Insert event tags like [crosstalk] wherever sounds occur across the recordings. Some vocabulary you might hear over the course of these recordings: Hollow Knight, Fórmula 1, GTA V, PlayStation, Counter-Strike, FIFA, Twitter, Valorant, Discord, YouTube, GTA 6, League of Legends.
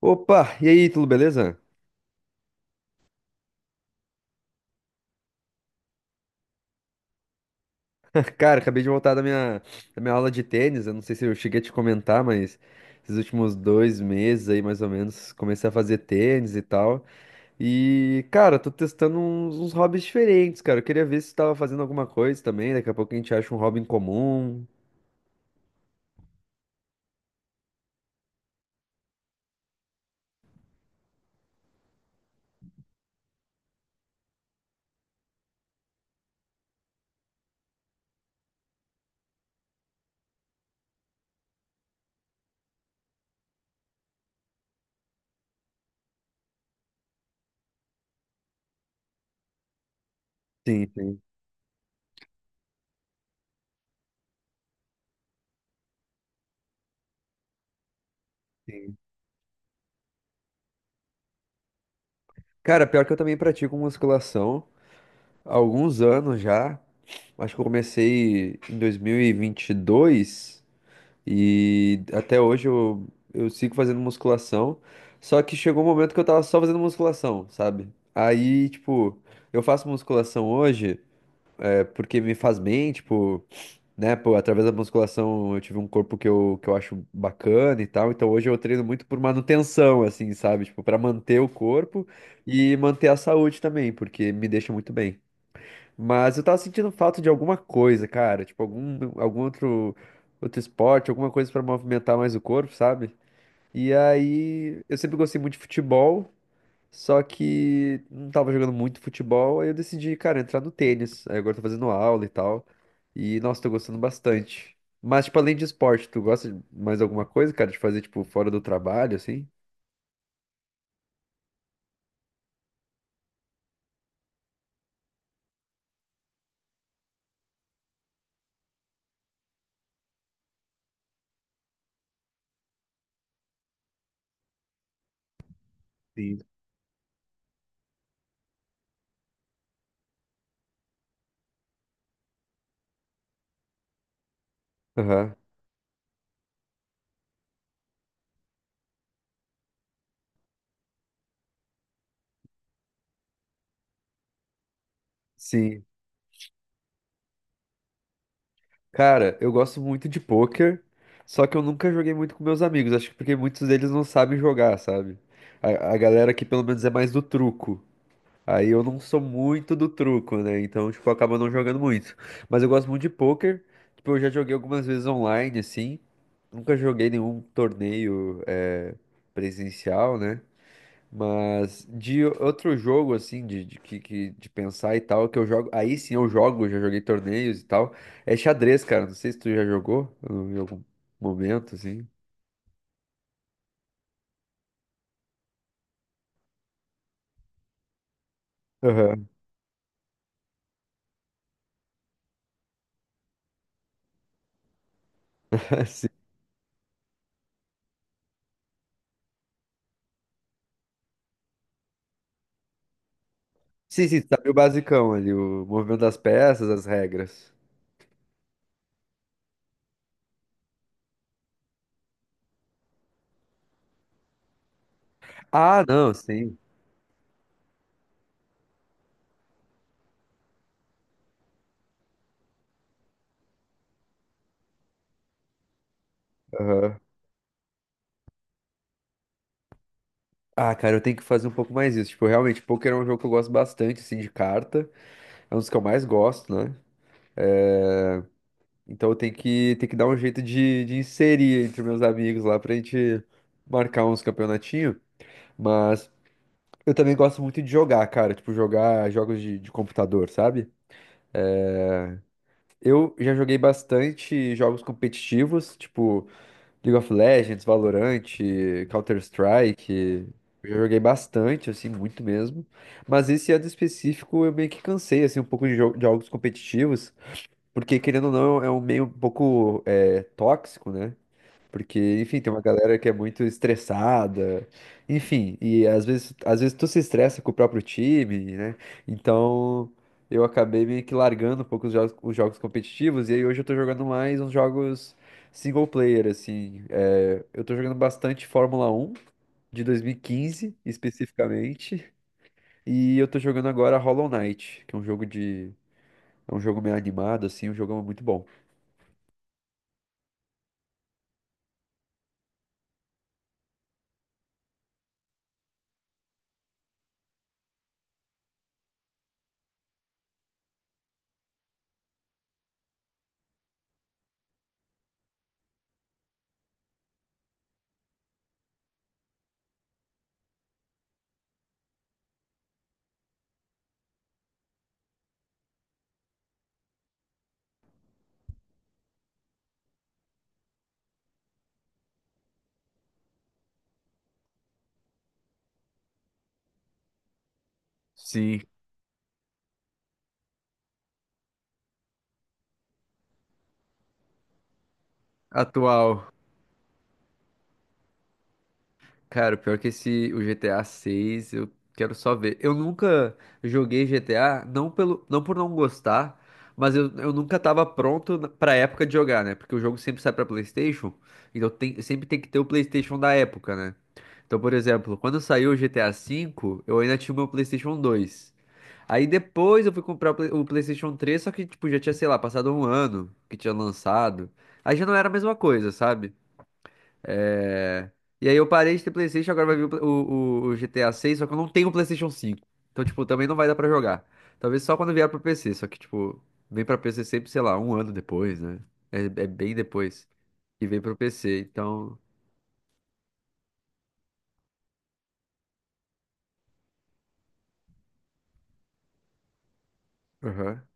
Opa, e aí, tudo beleza? [laughs] Cara, acabei de voltar da minha aula de tênis. Eu não sei se eu cheguei a te comentar, mas esses últimos 2 meses aí, mais ou menos, comecei a fazer tênis e tal. E, cara, tô testando uns hobbies diferentes, cara. Eu queria ver se tu tava fazendo alguma coisa também. Daqui a pouco a gente acha um hobby em comum. Sim, sim. Cara, pior que eu também pratico musculação há alguns anos já. Acho que eu comecei em 2022. E até hoje eu sigo fazendo musculação. Só que chegou um momento que eu tava só fazendo musculação, sabe? Aí, tipo, eu faço musculação hoje é porque me faz bem, tipo, né? Pô, através da musculação eu tive um corpo que eu acho bacana e tal. Então hoje eu treino muito por manutenção, assim, sabe? Tipo, pra manter o corpo e manter a saúde também, porque me deixa muito bem. Mas eu tava sentindo falta de alguma coisa, cara. Tipo, algum outro esporte, alguma coisa pra movimentar mais o corpo, sabe? E aí, eu sempre gostei muito de futebol, só que não tava jogando muito futebol, aí eu decidi, cara, entrar no tênis. Aí agora eu tô fazendo aula e tal. E, nossa, tô gostando bastante. Mas, tipo, além de esporte, tu gosta de mais alguma coisa, cara, de fazer, tipo, fora do trabalho, assim? Sim. Aham. Sim. Cara, eu gosto muito de pôquer, só que eu nunca joguei muito com meus amigos. Acho que porque muitos deles não sabem jogar, sabe? A galera aqui pelo menos é mais do truco. Aí eu não sou muito do truco, né? Então, tipo, eu acabo não jogando muito. Mas eu gosto muito de pôquer. Tipo, eu já joguei algumas vezes online, assim. Nunca joguei nenhum torneio, presencial, né? Mas de outro jogo, assim, de pensar e tal, que eu jogo. Aí sim eu jogo, já joguei torneios e tal. É xadrez, cara. Não sei se tu já jogou em algum momento, assim. Aham. [laughs] Sim, sim, sim, tu sabe o basicão ali, o movimento das peças, as regras. Ah, não, sim. Aham. Ah, cara, eu tenho que fazer um pouco mais isso. Tipo, realmente, poker é um jogo que eu gosto bastante, assim, de carta. É um dos que eu mais gosto, né? Então eu tenho que dar um jeito de inserir entre meus amigos lá pra gente marcar uns campeonatinhos. Mas eu também gosto muito de jogar, cara. Tipo, jogar jogos de computador, sabe? Eu já joguei bastante jogos competitivos, tipo League of Legends, Valorant, Counter-Strike. Eu já joguei bastante, assim, muito mesmo. Mas esse ano específico eu meio que cansei, assim, um pouco de de jogos competitivos. Porque, querendo ou não, é um meio um pouco tóxico, né? Porque, enfim, tem uma galera que é muito estressada, enfim, e às vezes tu se estressa com o próprio time, né? Então eu acabei meio que largando um pouco os jogos competitivos, e aí hoje eu tô jogando mais uns jogos single player, assim. É, eu tô jogando bastante Fórmula 1 de 2015, especificamente, e eu tô jogando agora Hollow Knight, que é um jogo de. É um jogo meio animado, assim, um jogo muito bom. Sim, atual. Cara, o pior é que esse, o GTA 6, eu quero só ver. Eu nunca joguei GTA, não pelo, não por não gostar, mas eu nunca tava pronto pra época de jogar, né? Porque o jogo sempre sai pra PlayStation, então tem, sempre tem que ter o PlayStation da época, né? Então, por exemplo, quando saiu o GTA V, eu ainda tinha o meu PlayStation 2. Aí depois eu fui comprar o o PlayStation 3, só que, tipo, já tinha, sei lá, passado um ano que tinha lançado. Aí já não era a mesma coisa, sabe? É. E aí eu parei de ter PlayStation, agora vai vir o, Pla- o GTA 6, só que eu não tenho o PlayStation 5. Então, tipo, também não vai dar pra jogar. Talvez só quando vier pro PC, só que, tipo, vem pra PC sempre, sei lá, um ano depois, né? É bem depois que vem pro PC, então... Aham.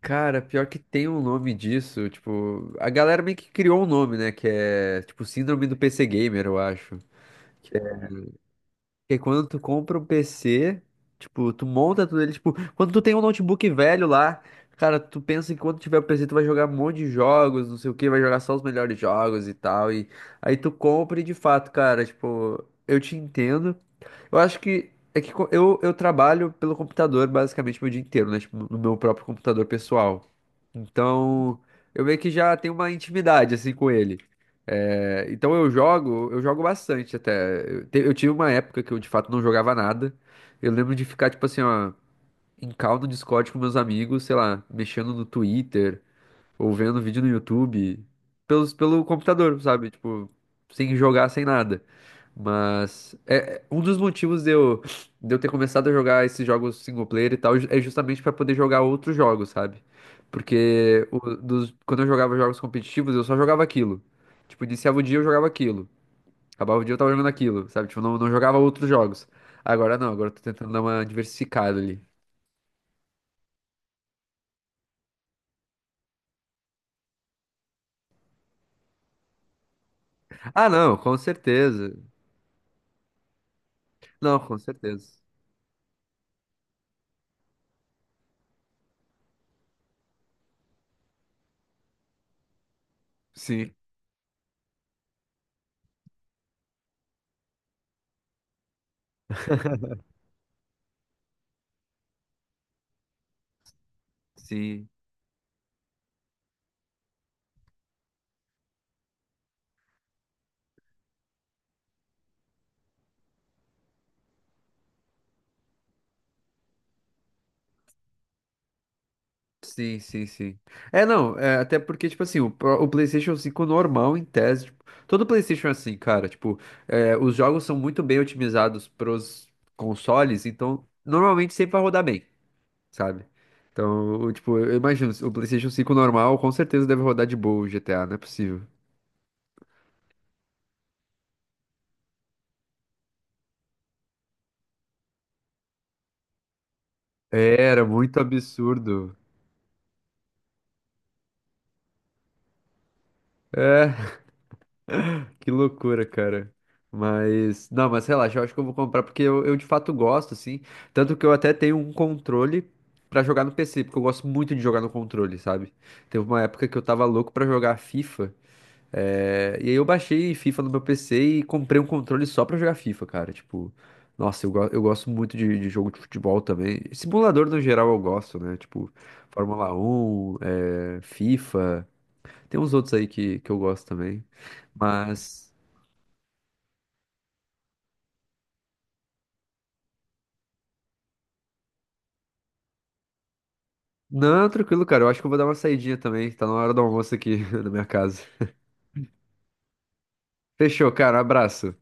Cara, pior que tem um nome disso, tipo... A galera meio que criou um nome, né? Que é, tipo, Síndrome do PC Gamer, eu acho. Porque quando tu compra um PC, tipo, tu monta tudo ele, tipo, quando tu tem um notebook velho lá, cara, tu pensa que quando tiver o PC tu vai jogar um monte de jogos, não sei o que, vai jogar só os melhores jogos e tal, e aí tu compra e de fato, cara, tipo, eu te entendo, eu acho que é eu trabalho pelo computador basicamente meu dia inteiro, né? Tipo, no meu próprio computador pessoal. Então, eu meio que já tenho uma intimidade assim com ele. É, então eu jogo bastante até. Eu tive uma época que eu de fato não jogava nada. Eu lembro de ficar, tipo assim, ó, em call no Discord com meus amigos, sei lá, mexendo no Twitter, ou vendo vídeo no YouTube, pelo computador, sabe? Tipo, sem jogar, sem nada. Mas um dos motivos de eu ter começado a jogar esses jogos single player e tal é justamente para poder jogar outros jogos, sabe? Porque quando eu jogava jogos competitivos, eu só jogava aquilo. Tipo, iniciava o dia eu jogava aquilo. Acabava o dia eu tava jogando aquilo, sabe? Tipo, não, não jogava outros jogos. Agora não, agora eu tô tentando dar uma diversificada ali. Ah, não, com certeza. Não, com certeza. Sim, sim. Sim, sim, sim. É, não, é, até porque, tipo assim, o PlayStation 5 normal, em tese, tipo, todo PlayStation é assim, cara, tipo, os jogos são muito bem otimizados pros consoles, então, normalmente sempre vai rodar bem, sabe? Então, tipo, eu imagino, o PlayStation 5 normal com certeza deve rodar de boa o GTA, não é possível. Era muito absurdo. É. Que loucura, cara. Mas, não, mas relaxa, eu acho que eu vou comprar porque eu de fato gosto, assim. Tanto que eu até tenho um controle pra jogar no PC, porque eu gosto muito de jogar no controle, sabe? Teve uma época que eu tava louco pra jogar FIFA, e aí eu baixei FIFA no meu PC e comprei um controle só pra jogar FIFA, cara. Tipo, nossa, eu gosto muito de jogo de futebol também. Simulador no geral eu gosto, né? Tipo, Fórmula 1, FIFA, tem uns outros aí que eu gosto também. Mas. Não, tranquilo, cara. Eu acho que eu vou dar uma saidinha também. Tá na hora do almoço aqui [laughs] na minha casa. Fechou, cara. Um abraço.